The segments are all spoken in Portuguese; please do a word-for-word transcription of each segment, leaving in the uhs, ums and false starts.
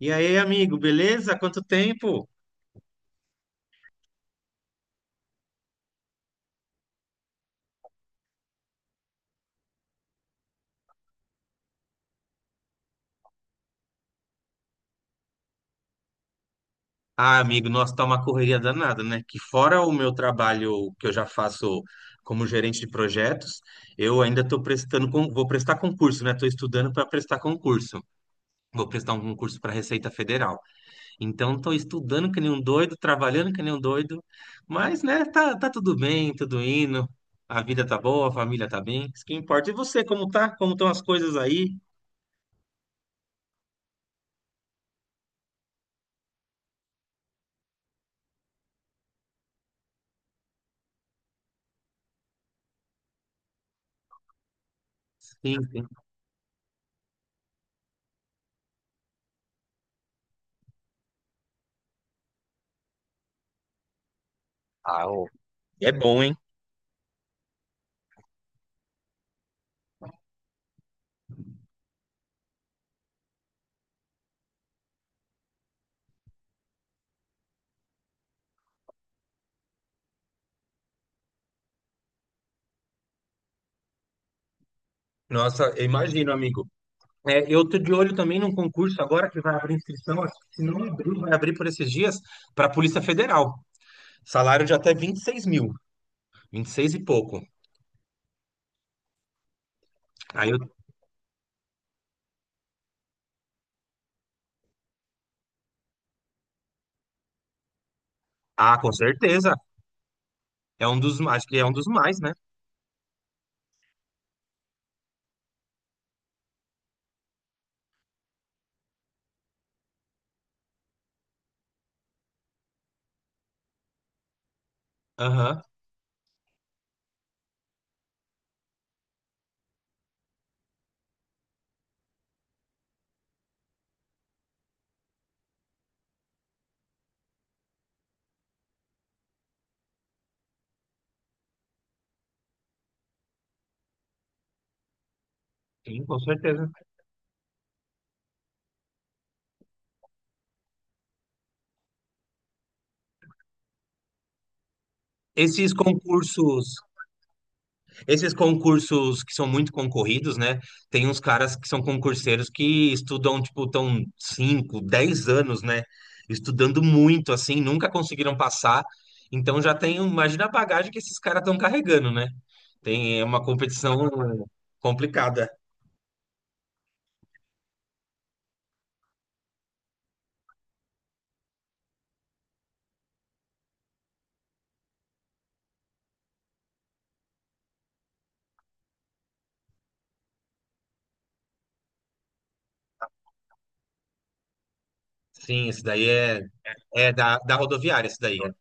E aí, amigo, beleza? Quanto tempo? Ah, amigo, nossa, tá uma correria danada, né? Que fora o meu trabalho que eu já faço como gerente de projetos, eu ainda tô prestando, con- vou prestar concurso, né? Tô estudando para prestar concurso. Vou prestar um concurso para Receita Federal. Então, tô estudando que nem um doido, trabalhando que nem um doido, mas, né, tá, tá tudo bem, tudo indo. A vida tá boa, a família tá bem, isso que importa. E você, como tá? Como estão as coisas aí? Sim, sim. Ah, ô, é bom, hein? Nossa, eu imagino, amigo. É, eu tô de olho também num concurso agora que vai abrir inscrição, acho que se não abrir, vai abrir por esses dias, para a Polícia Federal. Salário de até vinte e seis mil, vinte e seis e pouco. Aí eu, ah, com certeza. É um dos mais, acho que é um dos mais, né? Aham, sim, com certeza. Esses concursos Esses concursos que são muito concorridos, né? Tem uns caras que são concurseiros que estudam, tipo, tão cinco, dez anos, né? Estudando muito, assim, nunca conseguiram passar. Então já tem, um, imagina a bagagem que esses caras estão carregando, né? Tem é uma competição complicada. Sim, esse daí é, é da, da rodoviária, esse daí. É.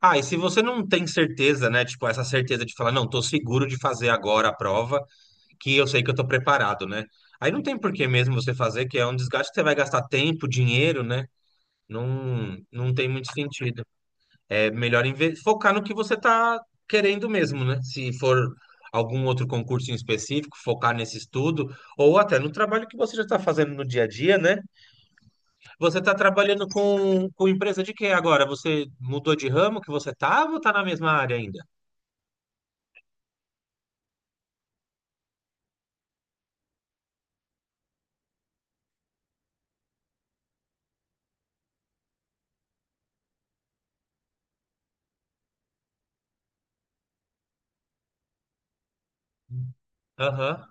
Ah, e se você não tem certeza, né? Tipo, essa certeza de falar, não, tô seguro de fazer agora a prova, que eu sei que eu tô preparado, né? Aí não tem por que mesmo você fazer, que é um desgaste que você vai gastar tempo, dinheiro, né? Não, não tem muito sentido. É melhor inve- focar no que você tá querendo mesmo, né? Se for algum outro concurso em específico, focar nesse estudo, ou até no trabalho que você já está fazendo no dia a dia, né? Você está trabalhando com, com empresa de quê agora? Você mudou de ramo que você estava ou está na mesma área ainda? Aham,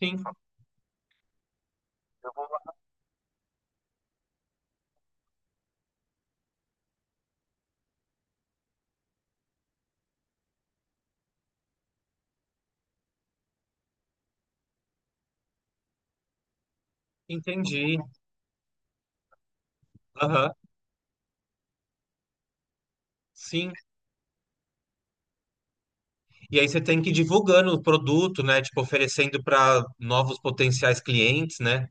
sim, entendi. Aham, sim. E aí você tem que ir divulgando o produto, né? Tipo, oferecendo para novos potenciais clientes, né?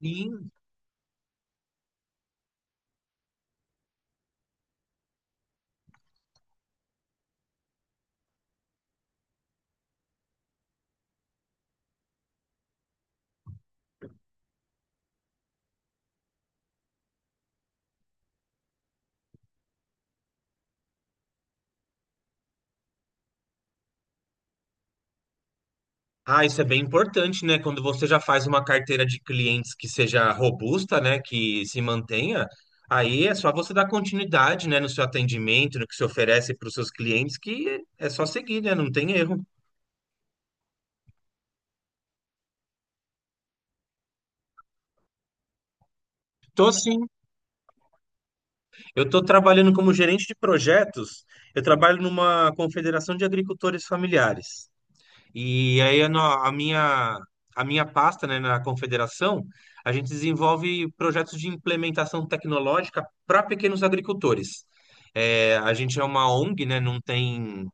Sim. Ah, isso é bem importante, né? Quando você já faz uma carteira de clientes que seja robusta, né? Que se mantenha, aí é só você dar continuidade, né? No seu atendimento, no que se oferece para os seus clientes, que é só seguir, né? Não tem erro. Tô sim. Eu tô trabalhando como gerente de projetos. Eu trabalho numa confederação de agricultores familiares. E aí a, no- a minha a minha pasta, né, na Confederação, a gente desenvolve projetos de implementação tecnológica para pequenos agricultores. É, a gente é uma O N G, né, não tem,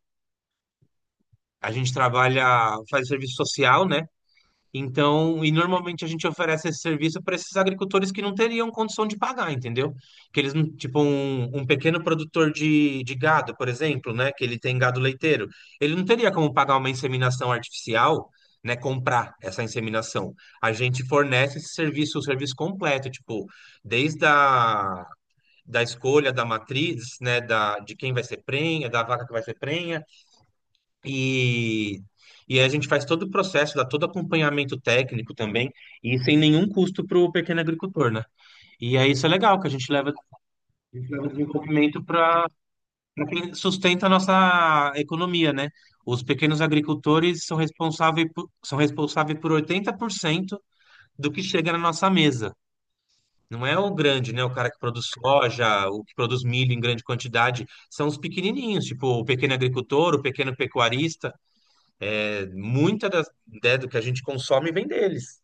a gente trabalha, faz serviço social, né? Então, e normalmente a gente oferece esse serviço para esses agricultores que não teriam condição de pagar, entendeu? Que eles, não- tipo, um, um pequeno produtor de, de gado, por exemplo, né? Que ele tem gado leiteiro, ele não teria como pagar uma inseminação artificial, né? Comprar essa inseminação. A gente fornece esse serviço, o serviço completo, tipo, desde a da escolha da matriz, né? Da, de quem vai ser prenha, da vaca que vai ser prenha e, e aí a gente faz todo o processo, dá todo acompanhamento técnico também, e sem nenhum custo para o pequeno agricultor, né? E aí isso é legal, que a gente leva, a gente leva o desenvolvimento para quem sustenta a nossa economia, né? Os pequenos agricultores são responsáveis por, são responsáveis por oitenta por cento do que chega na nossa mesa. Não é o grande, né? O cara que produz soja, o que produz milho em grande quantidade, são os pequenininhos, tipo o pequeno agricultor, o pequeno pecuarista. Muita das, né, do que a gente consome vem deles.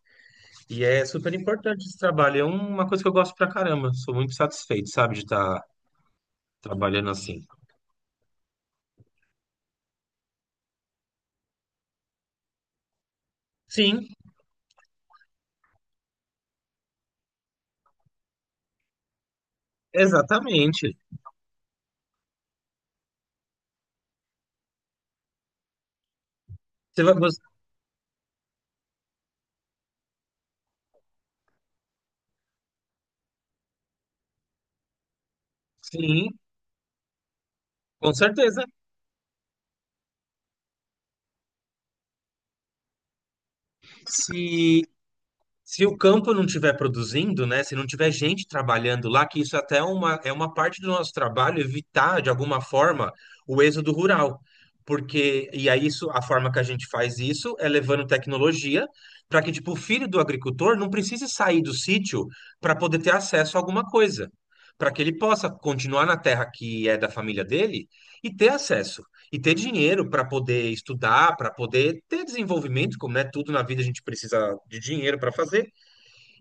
E é super importante esse trabalho. É uma coisa que eu gosto pra caramba. Sou muito satisfeito, sabe, de estar trabalhando assim. Sim, exatamente. Você vai gostar. Sim, com certeza. Se Se o campo não estiver produzindo, né? Se não tiver gente trabalhando lá, que isso até é uma, é uma parte do nosso trabalho, evitar de alguma forma o êxodo rural. Porque, e aí isso, a forma que a gente faz isso é levando tecnologia para que, tipo, o filho do agricultor não precise sair do sítio para poder ter acesso a alguma coisa. Para que ele possa continuar na terra que é da família dele e ter acesso e ter dinheiro para poder estudar, para poder ter desenvolvimento, como é tudo na vida a gente precisa de dinheiro para fazer.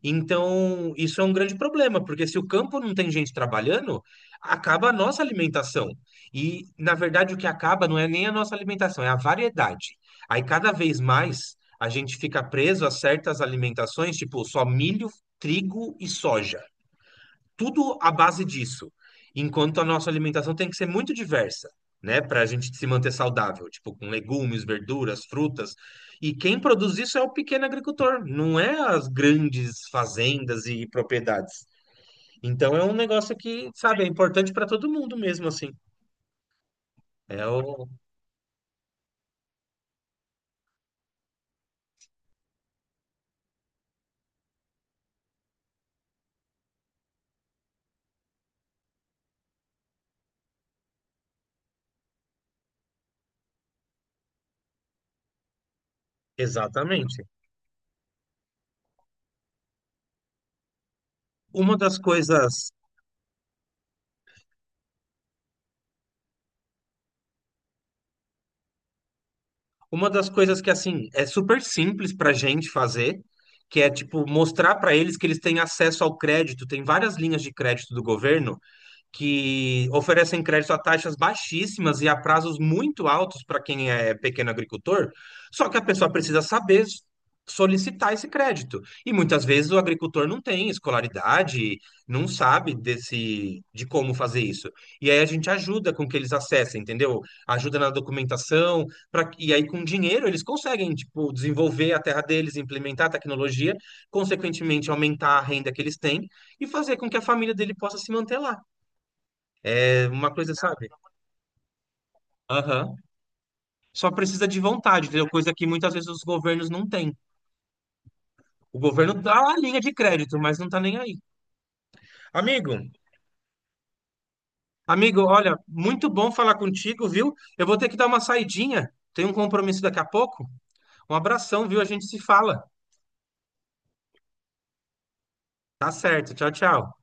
Então, isso é um grande problema, porque se o campo não tem gente trabalhando, acaba a nossa alimentação. E, na verdade, o que acaba não é nem a nossa alimentação, é a variedade. Aí, cada vez mais, a gente fica preso a certas alimentações, tipo só milho, trigo e soja tudo à base disso. Enquanto a nossa alimentação tem que ser muito diversa, né? Para a gente se manter saudável, tipo com legumes, verduras, frutas. E quem produz isso é o pequeno agricultor, não é as grandes fazendas e propriedades. Então é um negócio que, sabe, é importante para todo mundo mesmo, assim. É o... Exatamente. Uma das coisas Uma das coisas que, assim, é super simples pra gente fazer, que é, tipo, mostrar pra eles que eles têm acesso ao crédito. Tem várias linhas de crédito do governo que oferecem crédito a taxas baixíssimas e a prazos muito altos para quem é pequeno agricultor, só que a pessoa precisa saber solicitar esse crédito. E muitas vezes o agricultor não tem escolaridade, não sabe desse de como fazer isso. E aí a gente ajuda com que eles acessem, entendeu? Ajuda na documentação, pra, e aí com dinheiro eles conseguem, tipo, desenvolver a terra deles, implementar a tecnologia, consequentemente aumentar a renda que eles têm e fazer com que a família dele possa se manter lá uma coisa, sabe? Aham. Só precisa de vontade, entendeu? Coisa que muitas vezes os governos não têm. O governo dá a linha de crédito, mas não tá nem aí. Amigo, amigo, olha, muito bom falar contigo, viu? Eu vou ter que dar uma saidinha. Tenho um compromisso daqui a pouco. Um abração, viu? A gente se fala. Tá certo. Tchau, tchau.